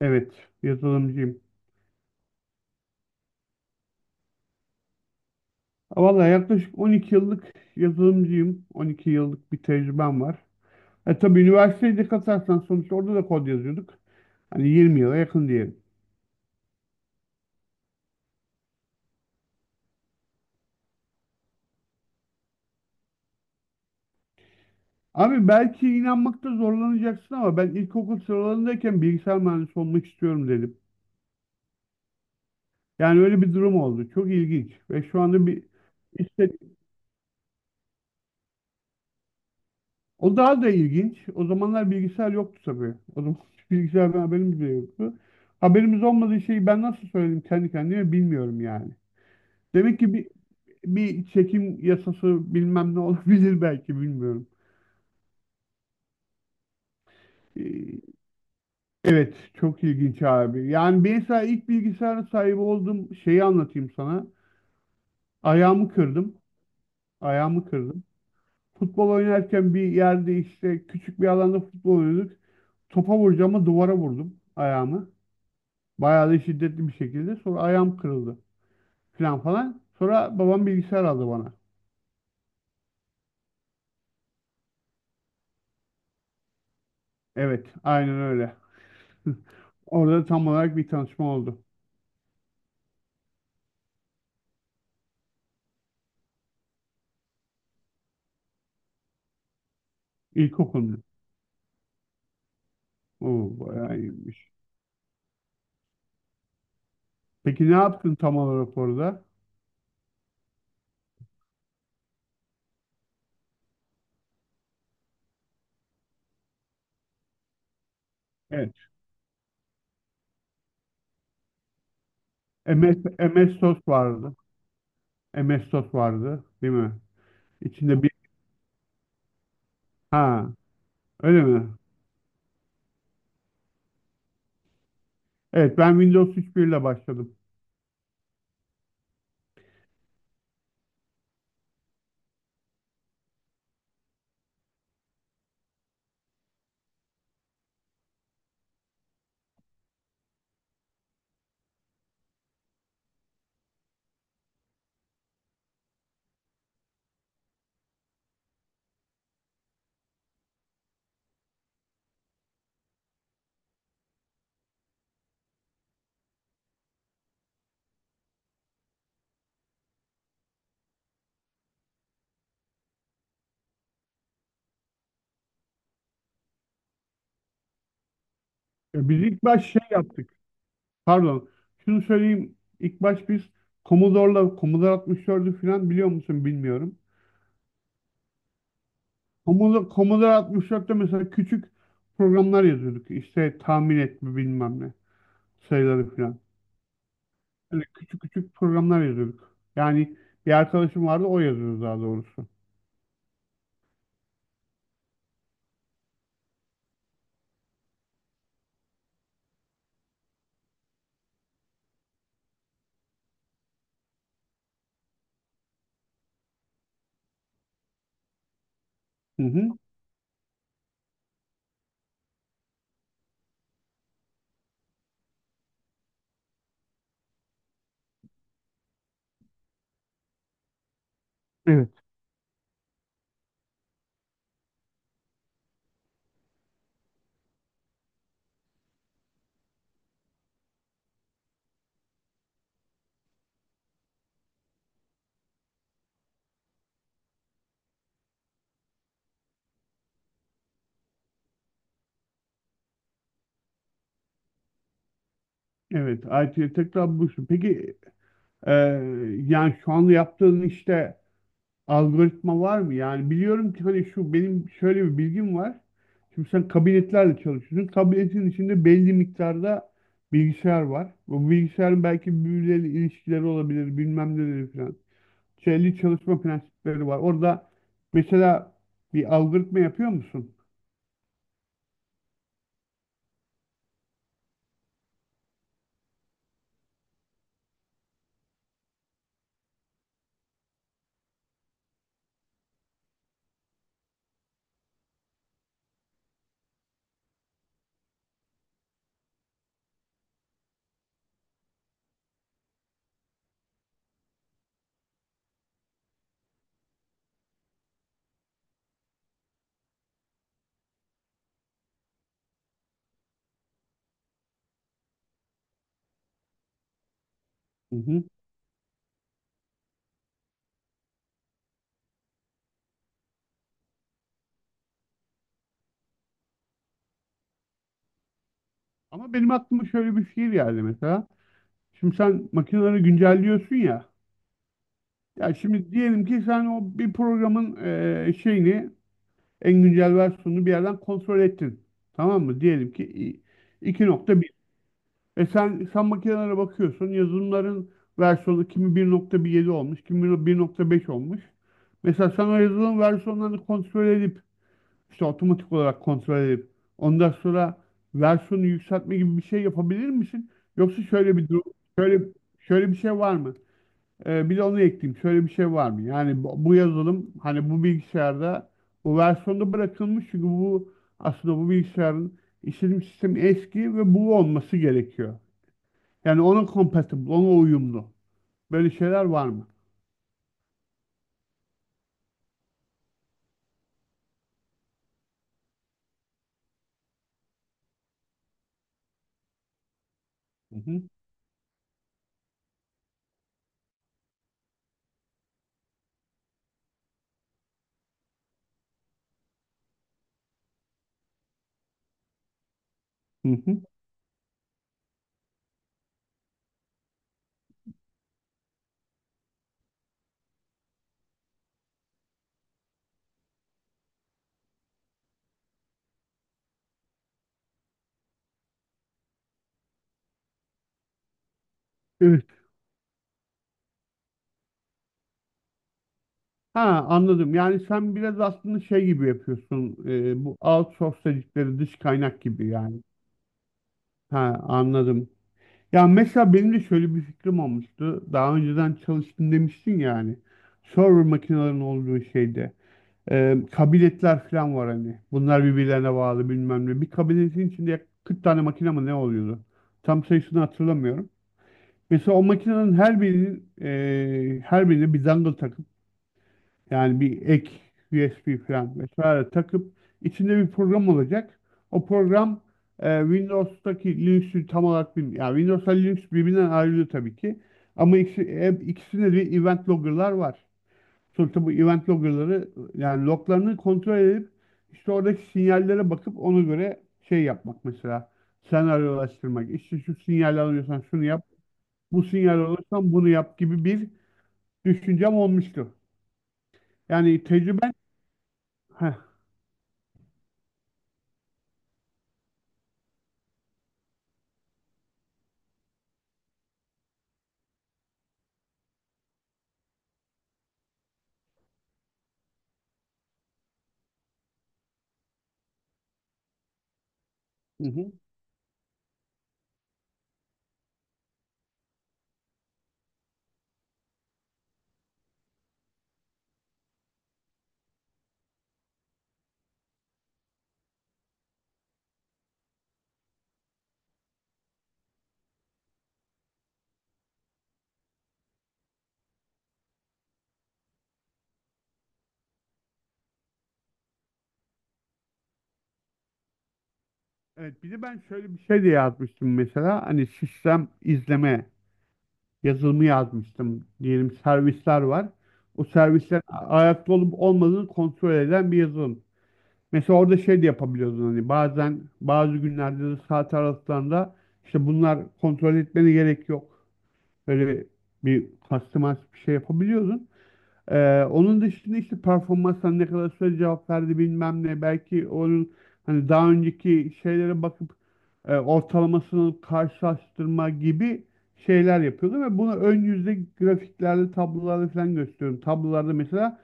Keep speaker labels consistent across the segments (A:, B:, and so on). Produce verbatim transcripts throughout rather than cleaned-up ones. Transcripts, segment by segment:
A: Evet, yazılımcıyım. Valla yaklaşık on iki yıllık yazılımcıyım. on iki yıllık bir tecrübem var. E tabii üniversiteyi de katarsan sonuçta orada da kod yazıyorduk. Hani yirmi yıla yakın diyelim. Abi belki inanmakta zorlanacaksın ama ben ilkokul sıralarındayken bilgisayar mühendisi olmak istiyorum dedim. Yani öyle bir durum oldu. Çok ilginç. Ve şu anda bir... işte o daha da ilginç. O zamanlar bilgisayar yoktu tabii. O zaman bilgisayardan haberimiz bile yoktu. Haberimiz olmadığı şeyi ben nasıl söyledim kendi kendime bilmiyorum yani. Demek ki bir, bir çekim yasası bilmem ne olabilir belki bilmiyorum. Ee, Evet çok ilginç abi. Yani ben mesela ilk bilgisayara sahip olduğum şeyi anlatayım sana. Ayağımı kırdım. Ayağımı kırdım. Futbol oynarken bir yerde işte küçük bir alanda futbol oynuyorduk. Topa vuracağımı duvara vurdum ayağımı. Bayağı da şiddetli bir şekilde. Sonra ayağım kırıldı falan falan. Sonra babam bilgisayar aldı bana. Evet aynen öyle. Orada tam olarak bir tanışma oldu. İlkokulda. Oo, bayağı iyiymiş. Peki ne yaptın tam olarak orada? Evet. MS, M S sos vardı. M S sos vardı, değil mi? İçinde bir ha, öyle mi? Evet, ben Windows üç nokta bir ile başladım. E, Biz ilk baş şey yaptık. Pardon. Şunu söyleyeyim. İlk baş biz Commodore'la Commodore altmış dörtü falan biliyor musun bilmiyorum. Commodore, Commodore altmış dörtte mesela küçük programlar yazıyorduk. İşte tahmin etme bilmem ne sayıları falan. Hani küçük küçük programlar yazıyorduk. Yani bir arkadaşım vardı, o yazıyordu daha doğrusu. Hı hı. Evet. Evet, I T'ye tekrar buluştum. Peki e, yani şu anda yaptığın işte algoritma var mı? Yani biliyorum ki hani şu, benim şöyle bir bilgim var. Şimdi sen kabinetlerle çalışıyorsun. Kabinetin içinde belli miktarda bilgisayar var. Bu bilgisayarın belki birbirleriyle ilişkileri olabilir, bilmem neleri falan. Şeyli çalışma prensipleri var. Orada mesela bir algoritma yapıyor musun? Hı hı. Ama benim aklıma şöyle bir şey geldi mesela. Şimdi sen makineleri güncelliyorsun ya. Ya şimdi diyelim ki sen o bir programın eee, şeyini, en güncel versiyonunu bir yerden kontrol ettin. Tamam mı? Diyelim ki i- iki nokta bir. E sen, sen makinelere bakıyorsun. Yazılımların versiyonu kimi bir nokta on yedi olmuş, kimi bir nokta beş olmuş. Mesela sen o yazılım versiyonlarını kontrol edip, işte otomatik olarak kontrol edip, ondan sonra versiyonu yükseltme gibi bir şey yapabilir misin? Yoksa şöyle bir durum, şöyle şöyle bir şey var mı? Ee, bir de onu ekleyeyim. Şöyle bir şey var mı? Yani bu, bu yazılım hani bu bilgisayarda bu versiyonda bırakılmış, çünkü bu aslında bu bilgisayarın işletim sistemi eski ve bu olması gerekiyor. Yani ona compatible, ona uyumlu. Böyle şeyler var mı? Hı hı. Hı hı. Ha, anladım. Yani sen biraz aslında şey gibi yapıyorsun. E, bu outsource dedikleri, dış kaynak gibi yani. Ha, anladım. Ya mesela benim de şöyle bir fikrim olmuştu. Daha önceden çalıştım demiştin yani. Server makinelerin olduğu şeyde. E, kabiletler falan var hani. Bunlar birbirlerine bağlı, bilmem ne. Bir kabiletin içinde yaklaşık kırk tane makine mi ne oluyordu? Tam sayısını hatırlamıyorum. Mesela o makinenin her birinin e, her birine bir dangle. Yani bir ek U S B falan vesaire takıp içinde bir program olacak. O program e, Windows'taki Linux'ü tam olarak bilmiyor. Yani Windows'la Linux birbirinden ayrılıyor tabii ki. Ama ikisi, e, ikisinde de event logger'lar var. Sonuçta bu event logger'ları, yani loglarını kontrol edip, işte oradaki sinyallere bakıp ona göre şey yapmak mesela. Senaryolaştırmak. İşte şu sinyal alıyorsan şunu yap. Bu sinyal alıyorsan bunu yap gibi bir düşüncem olmuştu. Yani tecrüben. Heh. Hı hı. Evet, bir de ben şöyle bir şey de yazmıştım mesela. Hani sistem izleme yazılımı yazmıştım, diyelim servisler var. O servisler a- ayakta olup olmadığını kontrol eden bir yazılım. Mesela orada şey de yapabiliyordun, hani bazen bazı günlerde de saat aralıklarında işte bunlar kontrol etmene gerek yok. Böyle bir customized bir şey yapabiliyordun. Ee, onun dışında işte performansına ne kadar süre cevap verdi bilmem ne. Belki onun hani daha önceki şeylere bakıp e, ortalamasını karşılaştırma gibi şeyler yapıyordu ve bunu ön yüzde grafiklerde, tablolarda falan gösteriyorum. Tablolarda mesela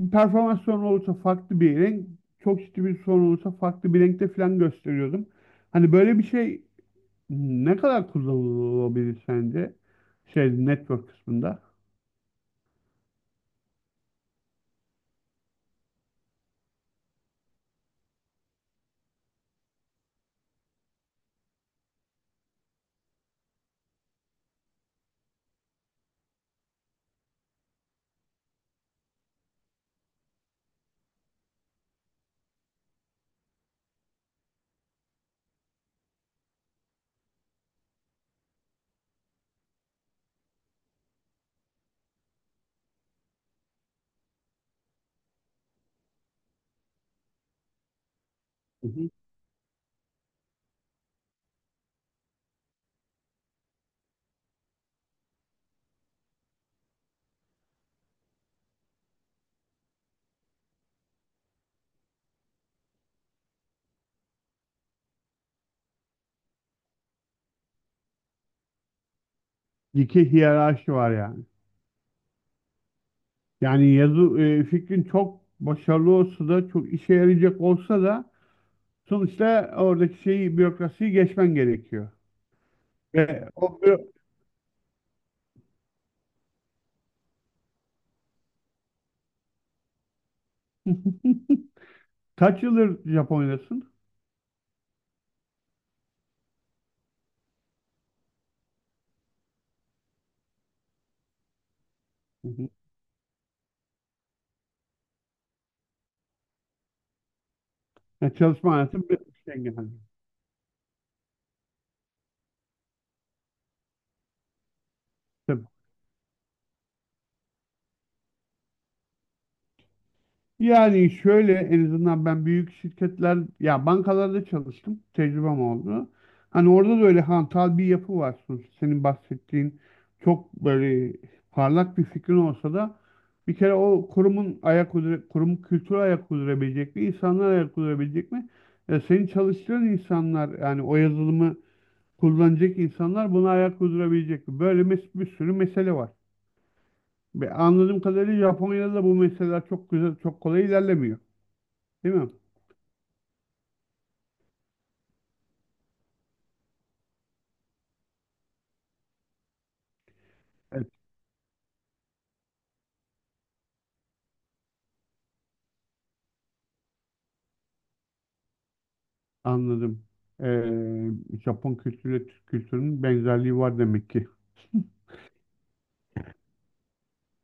A: bir performans sorunu olursa farklı bir renk, çok ciddi bir sorun olursa farklı bir renkte falan gösteriyordum. Hani böyle bir şey ne kadar kullanılabilir sence? Şey, network kısmında. Hı hı. İki hiyerarşi var yani. Yani yazı e, fikrin çok başarılı olsa da, çok işe yarayacak olsa da sonuçta oradaki şeyi, bürokrasiyi geçmen gerekiyor. Ve o bü- Kaç yıldır Japonya'dasın? Hı hı. Yani çalışma hayatın bir şey geldi. Yani şöyle, en azından ben büyük şirketler, ya bankalarda çalıştım. Tecrübem oldu. Hani orada da öyle hantal bir yapı var sonuçta. Senin bahsettiğin çok böyle parlak bir fikrin olsa da, bir kere o kurumun ayak uydura, kurum kültürü ayak uydurabilecek mi? İnsanlar ayak uydurabilecek mi? Ya senin çalıştığın insanlar, yani o yazılımı kullanacak insanlar buna ayak uydurabilecek mi? Böyle mes bir sürü mesele var. Ve anladığım kadarıyla Japonya'da da bu meseleler çok güzel, çok kolay ilerlemiyor. Değil mi? Evet, anladım. Ee, Japon kültürüyle Türk kültürünün benzerliği var demek ki.